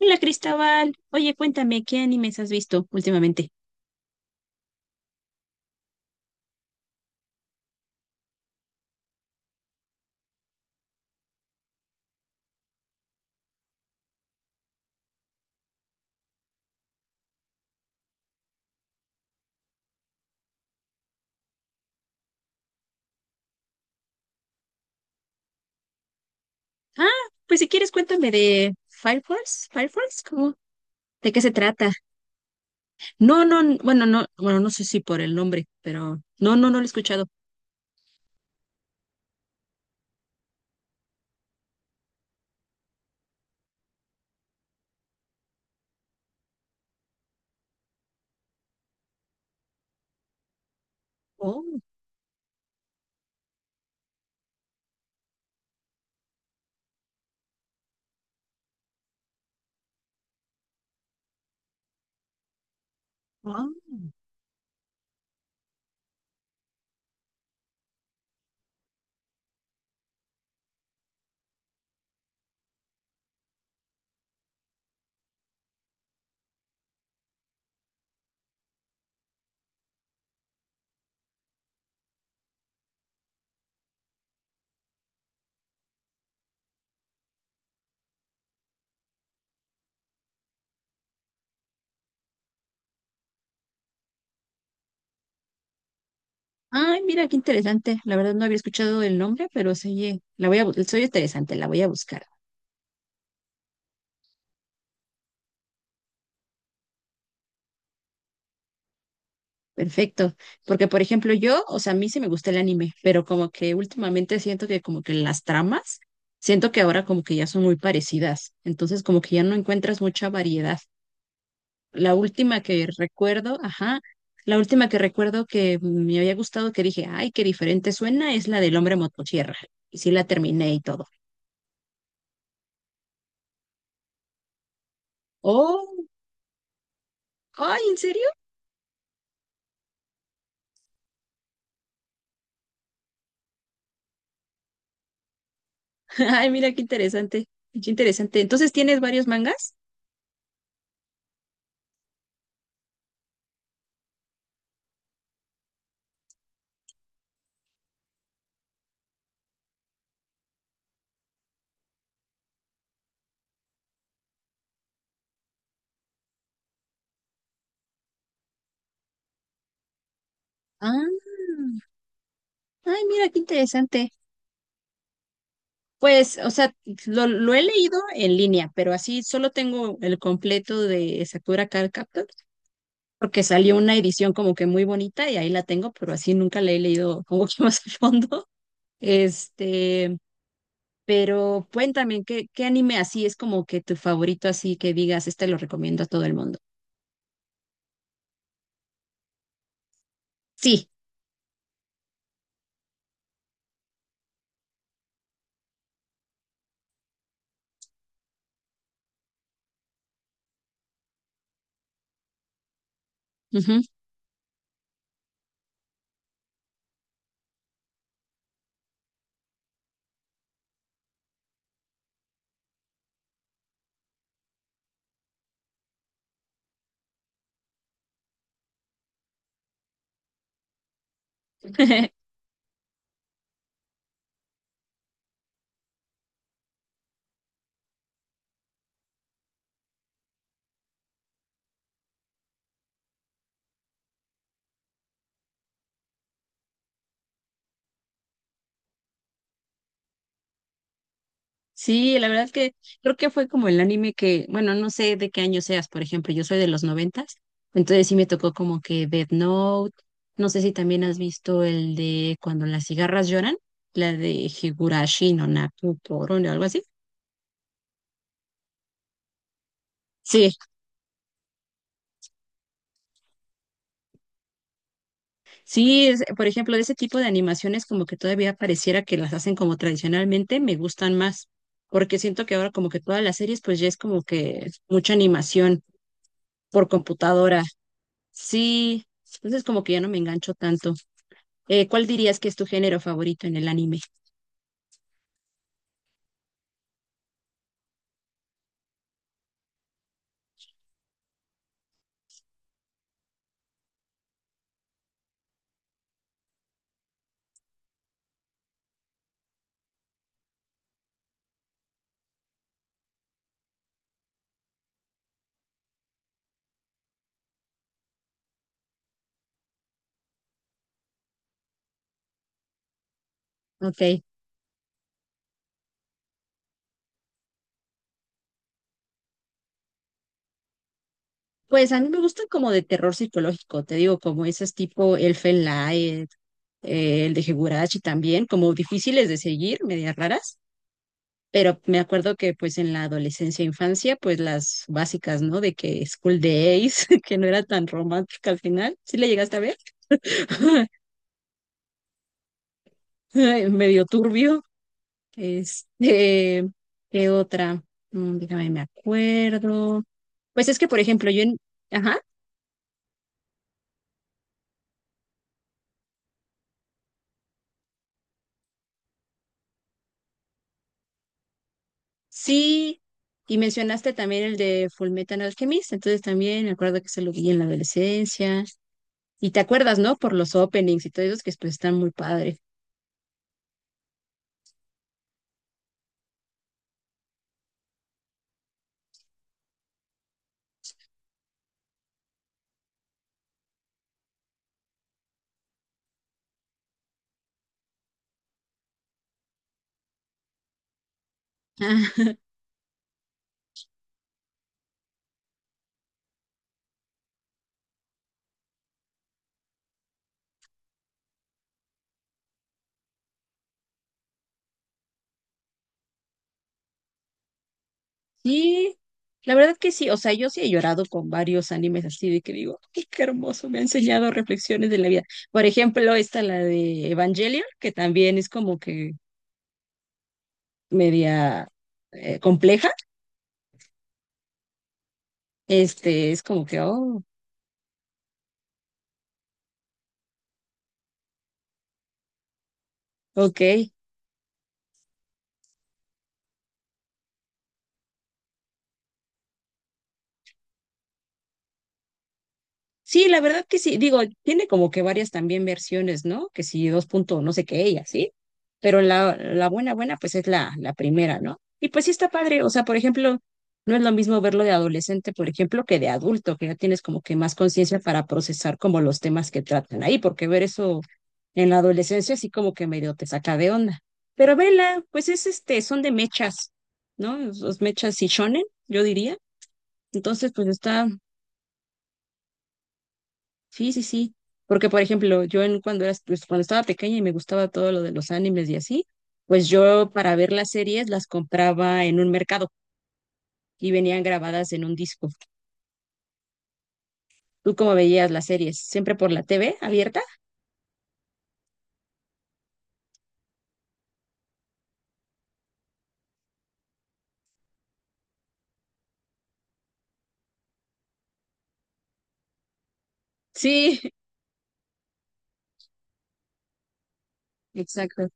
Hola Cristóbal, oye, cuéntame, ¿qué animes has visto últimamente? Ah, pues si quieres cuéntame de Fire Force, Fire Force, ¿cómo? ¿De qué se trata? No, no, bueno, no, bueno, no sé si por el nombre, pero no, no, no lo he escuchado. Oh, ah. Ay, mira, qué interesante. La verdad no había escuchado el nombre, pero se oye, la voy a, bu- se oye interesante, la voy a buscar. Perfecto, porque por ejemplo yo, o sea, a mí sí me gusta el anime, pero como que últimamente siento que como que las tramas, siento que ahora como que ya son muy parecidas, entonces como que ya no encuentras mucha variedad. La última que recuerdo, ajá, la última que recuerdo que me había gustado, que dije, ay, qué diferente suena, es la del hombre motosierra, y sí la terminé y todo. Oh, ay, ¿en serio? Ay, mira qué interesante, qué interesante. Entonces, ¿tienes varios mangas? Ah, ay, mira qué interesante. Pues, o sea, lo he leído en línea, pero así solo tengo el completo de Sakura Card Captor, porque salió una edición como que muy bonita y ahí la tengo, pero así nunca la he leído como que más a fondo. Este, pero cuéntame, ¿qué anime así es como que tu favorito, así que digas, este lo recomiendo a todo el mundo? Sí. Ujú. Sí, la verdad que creo que fue como el anime que, bueno, no sé de qué año seas, por ejemplo, yo soy de los noventas, entonces sí me tocó como que Death Note, no sé si también has visto el de Cuando las cigarras lloran, la de Higurashi no Naku Toron o algo así. Sí, sí, por ejemplo, de ese tipo de animaciones como que todavía pareciera que las hacen como tradicionalmente, me gustan más, porque siento que ahora como que todas las series pues ya es como que mucha animación por computadora. Sí, entonces como que ya no me engancho tanto. ¿Cuál dirías que es tu género favorito en el anime? Ok, pues a mí me gustan como de terror psicológico, te digo, como esos tipo Elfen Lied, el de Higurashi también, como difíciles de seguir, medias raras, pero me acuerdo que pues en la adolescencia e infancia, pues las básicas, ¿no? De que School Days, que no era tan romántica al final, ¿sí le llegaste a ver? Medio turbio. Este, ¿qué otra? Mm, déjame, me acuerdo. Pues es que, por ejemplo, yo en, ajá, sí, y mencionaste también el de Fullmetal Alchemist, entonces también me acuerdo que se lo vi en la adolescencia. Y te acuerdas, ¿no? Por los openings y todo eso, que pues están muy padres. Ah, sí, la verdad que sí, o sea, yo sí he llorado con varios animes así de que digo, "Ay, qué hermoso, me ha enseñado reflexiones de la vida. Por ejemplo, esta, la de Evangelion, que también es como que media compleja, este, es como que, oh, ok. Sí, la verdad que sí, digo, tiene como que varias también versiones, ¿no? Que si dos punto no sé qué, ella, ¿sí? Pero la buena, buena, pues es la primera, ¿no? Y pues sí está padre, o sea, por ejemplo, no es lo mismo verlo de adolescente, por ejemplo, que de adulto, que ya tienes como que más conciencia para procesar como los temas que tratan ahí, porque ver eso en la adolescencia sí como que medio te saca de onda. Pero vela, pues es este, son de mechas, ¿no? Los mechas y shonen, yo diría. Entonces, pues está, sí, sí, sí. Porque, por ejemplo, cuando era, pues, cuando estaba pequeña y me gustaba todo lo de los animes y así, pues yo para ver las series las compraba en un mercado y venían grabadas en un disco. ¿Tú cómo veías las series? ¿Siempre por la TV abierta? Sí, exacto.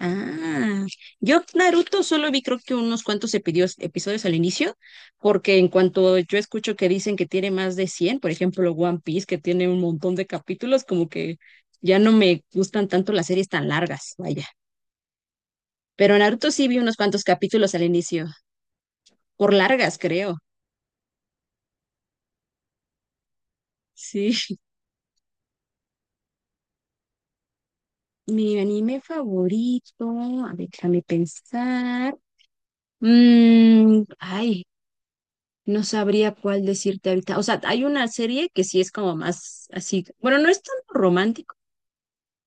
Ah, yo Naruto solo vi creo que unos cuantos episodios al inicio, porque en cuanto yo escucho que dicen que tiene más de 100, por ejemplo One Piece, que tiene un montón de capítulos, como que ya no me gustan tanto las series tan largas, vaya. Pero Naruto sí vi unos cuantos capítulos al inicio, por largas creo. Sí, mi anime favorito, a ver, déjame pensar. Mm, ay, no sabría cuál decirte ahorita. O sea, hay una serie que sí es como más así. Bueno, no es tan romántico.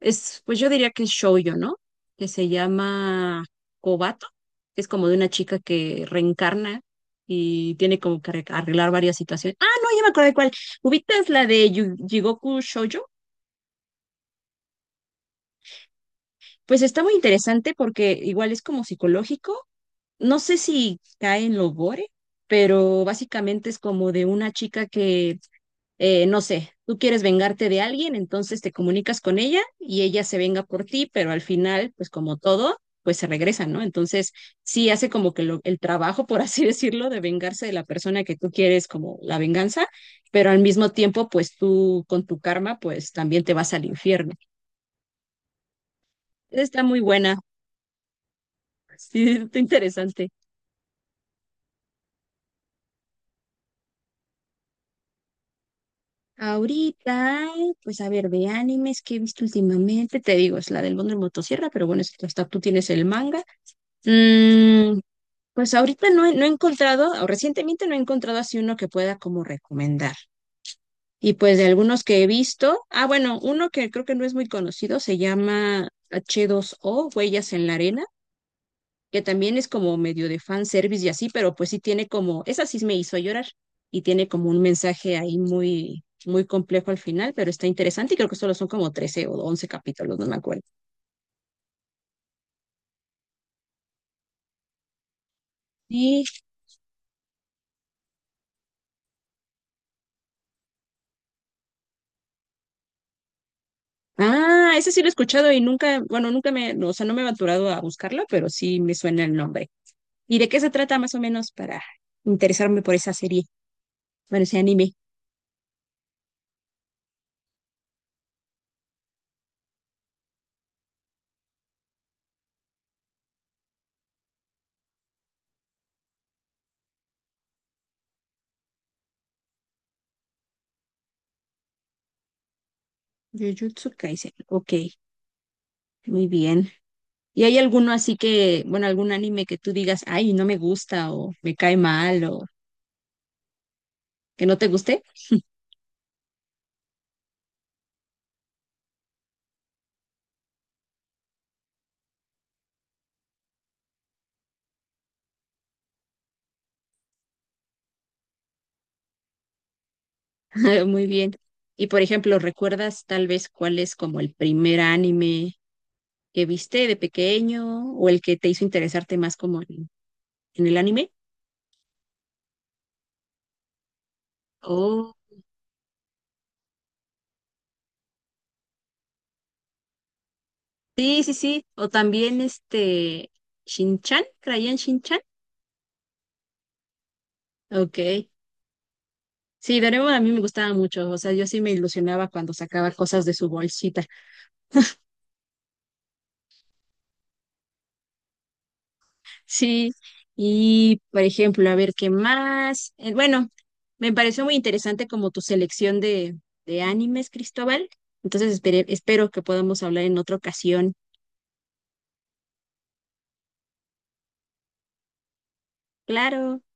Es, pues yo diría que es shoujo, ¿no? Que se llama Kobato, que es como de una chica que reencarna y tiene como que arreglar varias situaciones. Ah, no, ya me acordé cuál. ¿Ubicas la de Jigoku Shoujo? Pues está muy interesante porque igual es como psicológico. No sé si cae en lo gore, pero básicamente es como de una chica que no sé, tú quieres vengarte de alguien, entonces te comunicas con ella y ella se venga por ti, pero al final, pues como todo, pues se regresa, ¿no? Entonces, sí hace como que el trabajo, por así decirlo, de vengarse de la persona que tú quieres como la venganza, pero al mismo tiempo, pues tú con tu karma, pues también te vas al infierno. Está muy buena, sí, está interesante. Ahorita, pues a ver, de animes que he visto últimamente, te digo, es la del Mundo en Motosierra, pero bueno, hasta tú tienes el manga. Mm, pues ahorita no he encontrado, o recientemente no he encontrado así uno que pueda como recomendar. Y pues de algunos que he visto, ah, bueno, uno que creo que no es muy conocido se llama H2 o Huellas en la Arena, que también es como medio de fan service y así, pero pues sí tiene como, esa sí me hizo llorar y tiene como un mensaje ahí muy, muy complejo al final, pero está interesante y creo que solo son como 13 o 11 capítulos, no me acuerdo. Sí. Ah, ese sí lo he escuchado y nunca, bueno, nunca me, no, o sea, no me he aventurado a buscarla, pero sí me suena el nombre. ¿Y de qué se trata más o menos para interesarme por esa serie? Bueno, ese anime. Jujutsu Kaisen. Ok, muy bien. ¿Y hay alguno así que, bueno, algún anime que tú digas, ay, no me gusta o me cae mal o que no te guste? Muy bien. Y por ejemplo, ¿recuerdas tal vez cuál es como el primer anime que viste de pequeño o el que te hizo interesarte más como en el anime? Sí, sí, sí. O también este Shinchan, ¿creían Shinchan? Ok. Sí, Doraemon a mí me gustaba mucho. O sea, yo sí me ilusionaba cuando sacaba cosas de su bolsita. Sí. Y, por ejemplo, a ver qué más. Bueno, me pareció muy interesante como tu selección de animes, Cristóbal. Entonces espero que podamos hablar en otra ocasión. Claro.